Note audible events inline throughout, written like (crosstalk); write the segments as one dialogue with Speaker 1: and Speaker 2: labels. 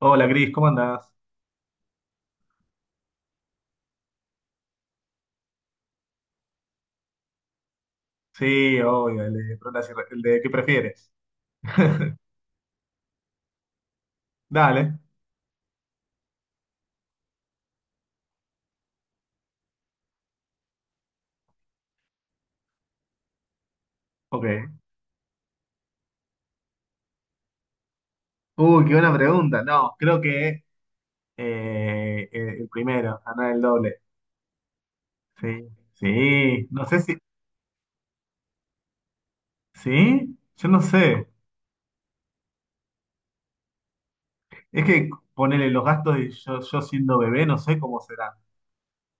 Speaker 1: Hola, Cris, ¿cómo andás? Sí, obvio, el de ¿qué prefieres? (laughs) Dale, ok. Uy, qué buena pregunta. No, creo que el primero, ganar el doble. Sí, sí, no sé si. ¿Sí? Yo no sé. Es que ponerle los gastos de yo siendo bebé, no sé cómo será.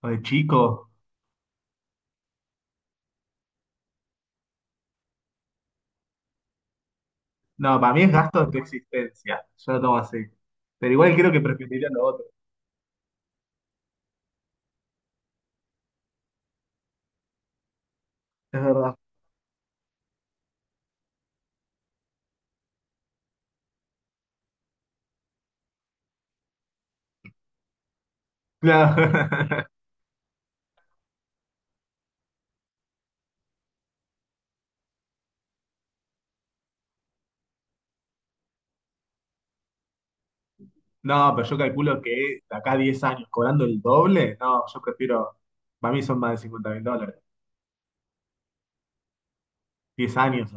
Speaker 1: O de chico. No, para mí es gasto de tu existencia. Yo lo tomo así. Pero igual creo que preferiría lo otro. Es verdad. Claro. (laughs) No, pero yo calculo que de acá a 10 años, cobrando el doble, no, yo prefiero, para mí son más de 50.000 dólares, 10 años.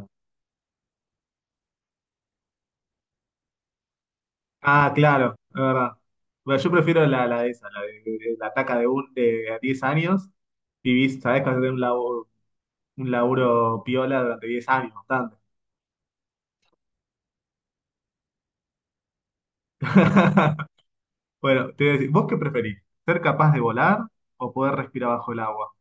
Speaker 1: Ah, claro, es verdad. Bueno, yo prefiero la de esa, la de- la taca de, un, de a 10 años, vivís, sabés que vas a tener un laburo piola durante 10 años, bastante. (laughs) Bueno, te voy a decir, ¿vos qué preferís? ¿Ser capaz de volar o poder respirar bajo el agua?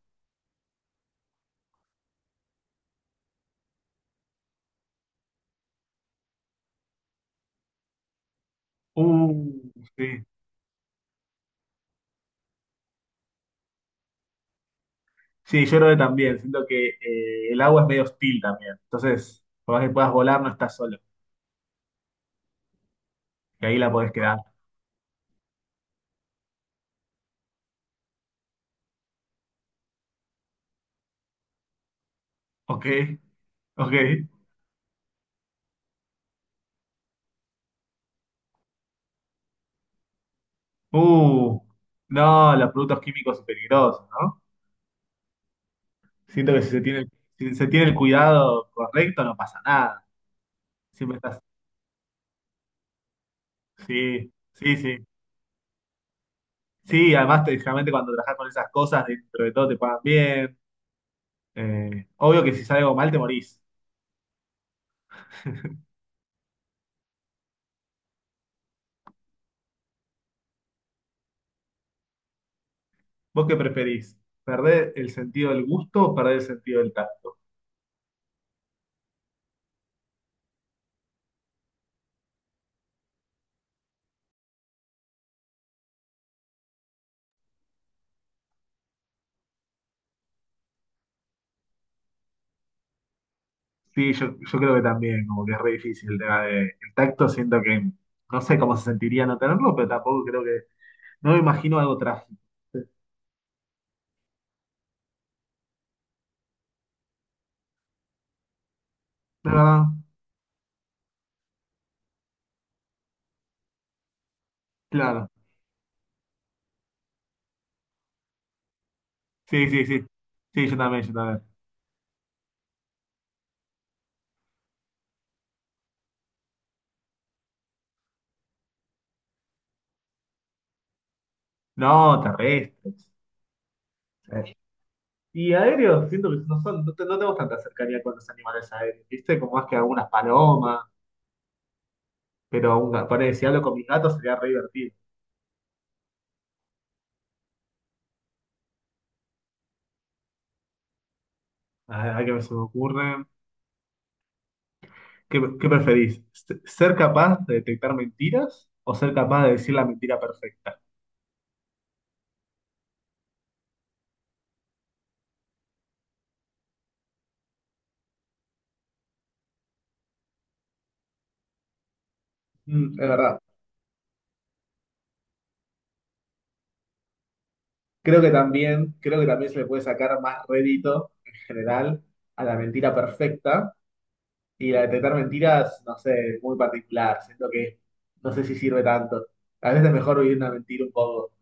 Speaker 1: Uh, sí. Sí, yo creo que también. Siento que el agua es medio hostil también. Entonces, por más que puedas volar, no estás solo. Que ahí la podés quedar. Ok, ok. Uh, no, los productos químicos son peligrosos, ¿no? Siento que si se tiene el cuidado correcto, no pasa nada. Siempre estás. Sí, sí, sí. Sí, además, generalmente cuando trabajas con esas cosas, dentro de todo te pagan bien. Obvio que si sale algo mal, te morís. ¿Vos qué preferís? ¿Perder el sentido del gusto o perder el sentido del tacto? Sí, yo creo que también, como que es re difícil el tema de, el tacto, siento que no sé cómo se sentiría no tenerlo, pero tampoco creo que, no me imagino algo trágico. La verdad, claro. Sí, sí, sí. Sí, yo también, yo también. No, terrestres. Sí. Y aéreos, siento que no son, no, no tenemos tanta cercanía con los animales aéreos, ¿viste? Como más que algunas palomas, pero ponele, si hablo con mis gatos sería re divertido. A ver qué se me ocurre. ¿Qué preferís? ¿Ser capaz de detectar mentiras o ser capaz de decir la mentira perfecta? Mm, es verdad. Creo que también se le puede sacar más rédito en general a la mentira perfecta y la de detectar mentiras, no sé, muy particular. Siento que no sé si sirve tanto. A veces es mejor vivir una mentira un poco.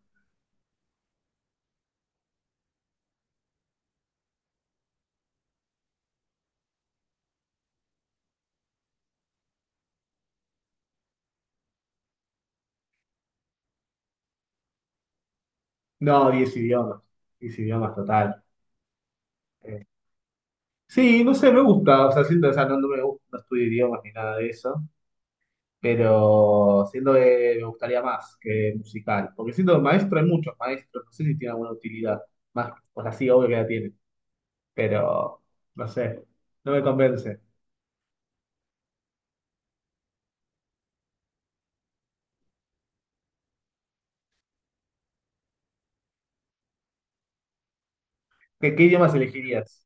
Speaker 1: No, 10 idiomas. 10 idiomas total. Eh, sí, no sé, me gusta. O sea, siento, o sea, no, no me gusta, no estudio idiomas ni nada de eso. Pero siento que me gustaría más que musical, porque siento que maestro hay muchos maestros, no sé si tiene alguna utilidad, más, o sea, sí, obvio que la tiene, pero no sé, no me convence. ¿Qué idiomas elegirías?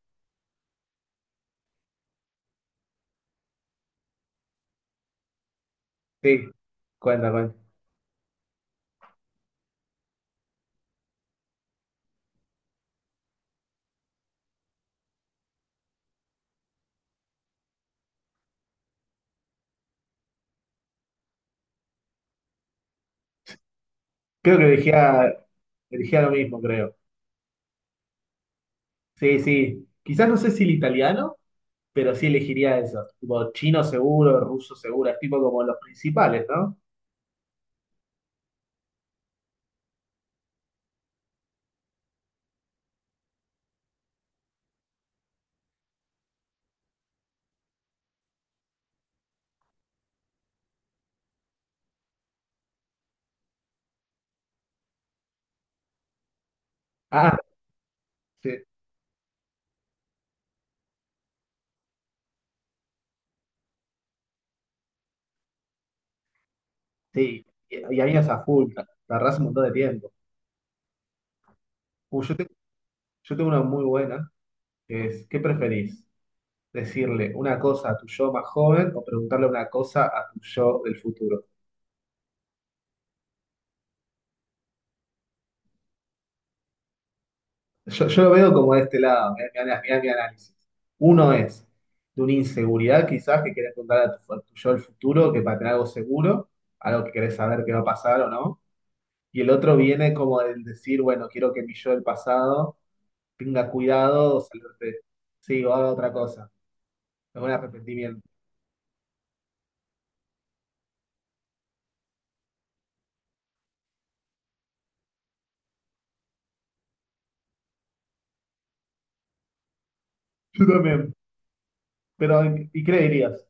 Speaker 1: Sí, cuenta, cuenta. Creo que elegía lo mismo, creo. Sí, sí, quizás no sé si el italiano, pero sí elegiría eso, tipo chino seguro, ruso seguro, es tipo como los principales, ¿no? Ah, sí, sí, y habías a full, tardás un montón de tiempo. Uy, yo tengo una muy buena, que es, ¿qué preferís? ¿Decirle una cosa a tu yo más joven o preguntarle una cosa a tu yo del futuro? Yo lo veo como de este lado, mirá, mirá, mirá mi análisis. Uno es de una inseguridad quizás que querés preguntar a tu yo del futuro, que para tener algo seguro, algo que querés saber que va a pasar o no. Y el otro viene como el decir, bueno, quiero que mi yo del pasado tenga cuidado o salirte, sí, o haga otra cosa, algún arrepentimiento. Yo también, pero ¿y qué le dirías?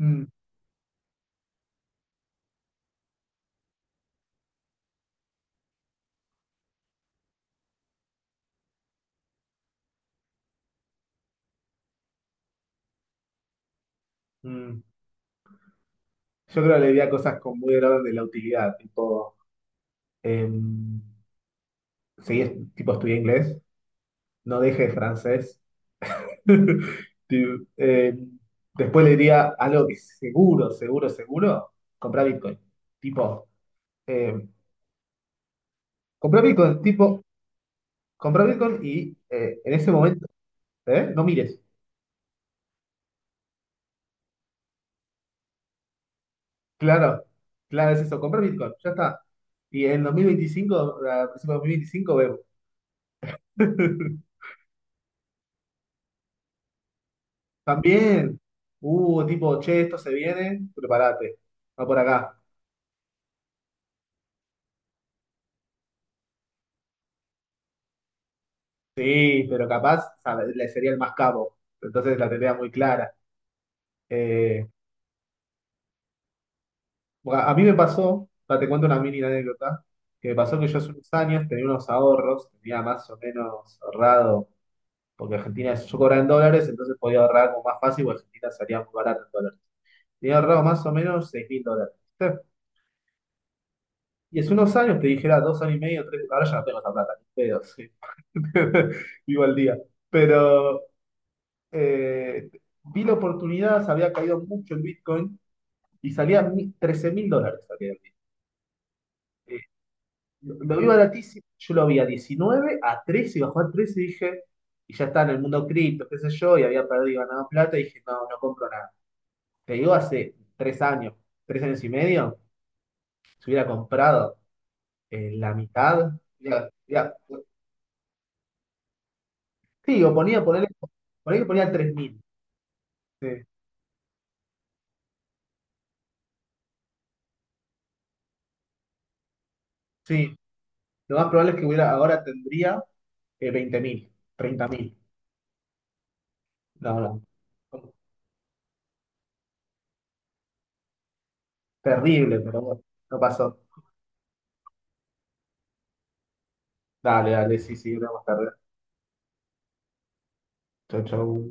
Speaker 1: Mm. Mm. Yo creo que le diría cosas con muy del orden de la utilidad, tipo, em, seguí, tipo, estudié inglés, no deje francés. (laughs) Tipo, después le diría algo que seguro, seguro, seguro, comprar Bitcoin. Tipo, em, comprar Bitcoin, tipo, comprar Bitcoin y en ese momento, ¿eh? No mires. Claro, claro, es eso, comprar Bitcoin, ya está. Y en 2025, a principios de 2025 vemos. (laughs) También. Tipo, che, esto se viene, prepárate. Va por acá. Sí, pero capaz le sería el más capo. Entonces la tendría muy clara. Eh, a mí me pasó, pa, te cuento una mini anécdota, que me pasó que yo hace unos años tenía unos ahorros, tenía más o menos ahorrado, porque Argentina, yo cobraba en dólares, entonces podía ahorrar como más fácil, porque Argentina salía muy barato en dólares. Tenía ahorrado más o menos 6.000 dólares. ¿Viste? Y hace unos años, te dijera 2 años y medio, tres, ahora ya no tengo esa plata, ni pedo. Sí. (laughs) Vivo al día. Pero eh, vi la oportunidad, se había caído mucho el Bitcoin y salía 13.000 dólares. Salía el Bitcoin. Eh, lo vi baratísimo, yo lo vi a 19 a 13, y bajó a 13 y dije, y ya está en el mundo cripto, qué sé yo, y había perdido y ganado plata y dije, no, no compro nada. Te digo, hace 3 años, 3 años y medio, si hubiera comprado la mitad, ya, ya, sí, o ponía, ponele que ponía 3.000. Sí, sí, lo más probable es que hubiera, ahora tendría 20.000, 30.000. No, no. Terrible, pero bueno, no pasó. Dale, dale, sí, sí, vamos tarde. Chau, chau.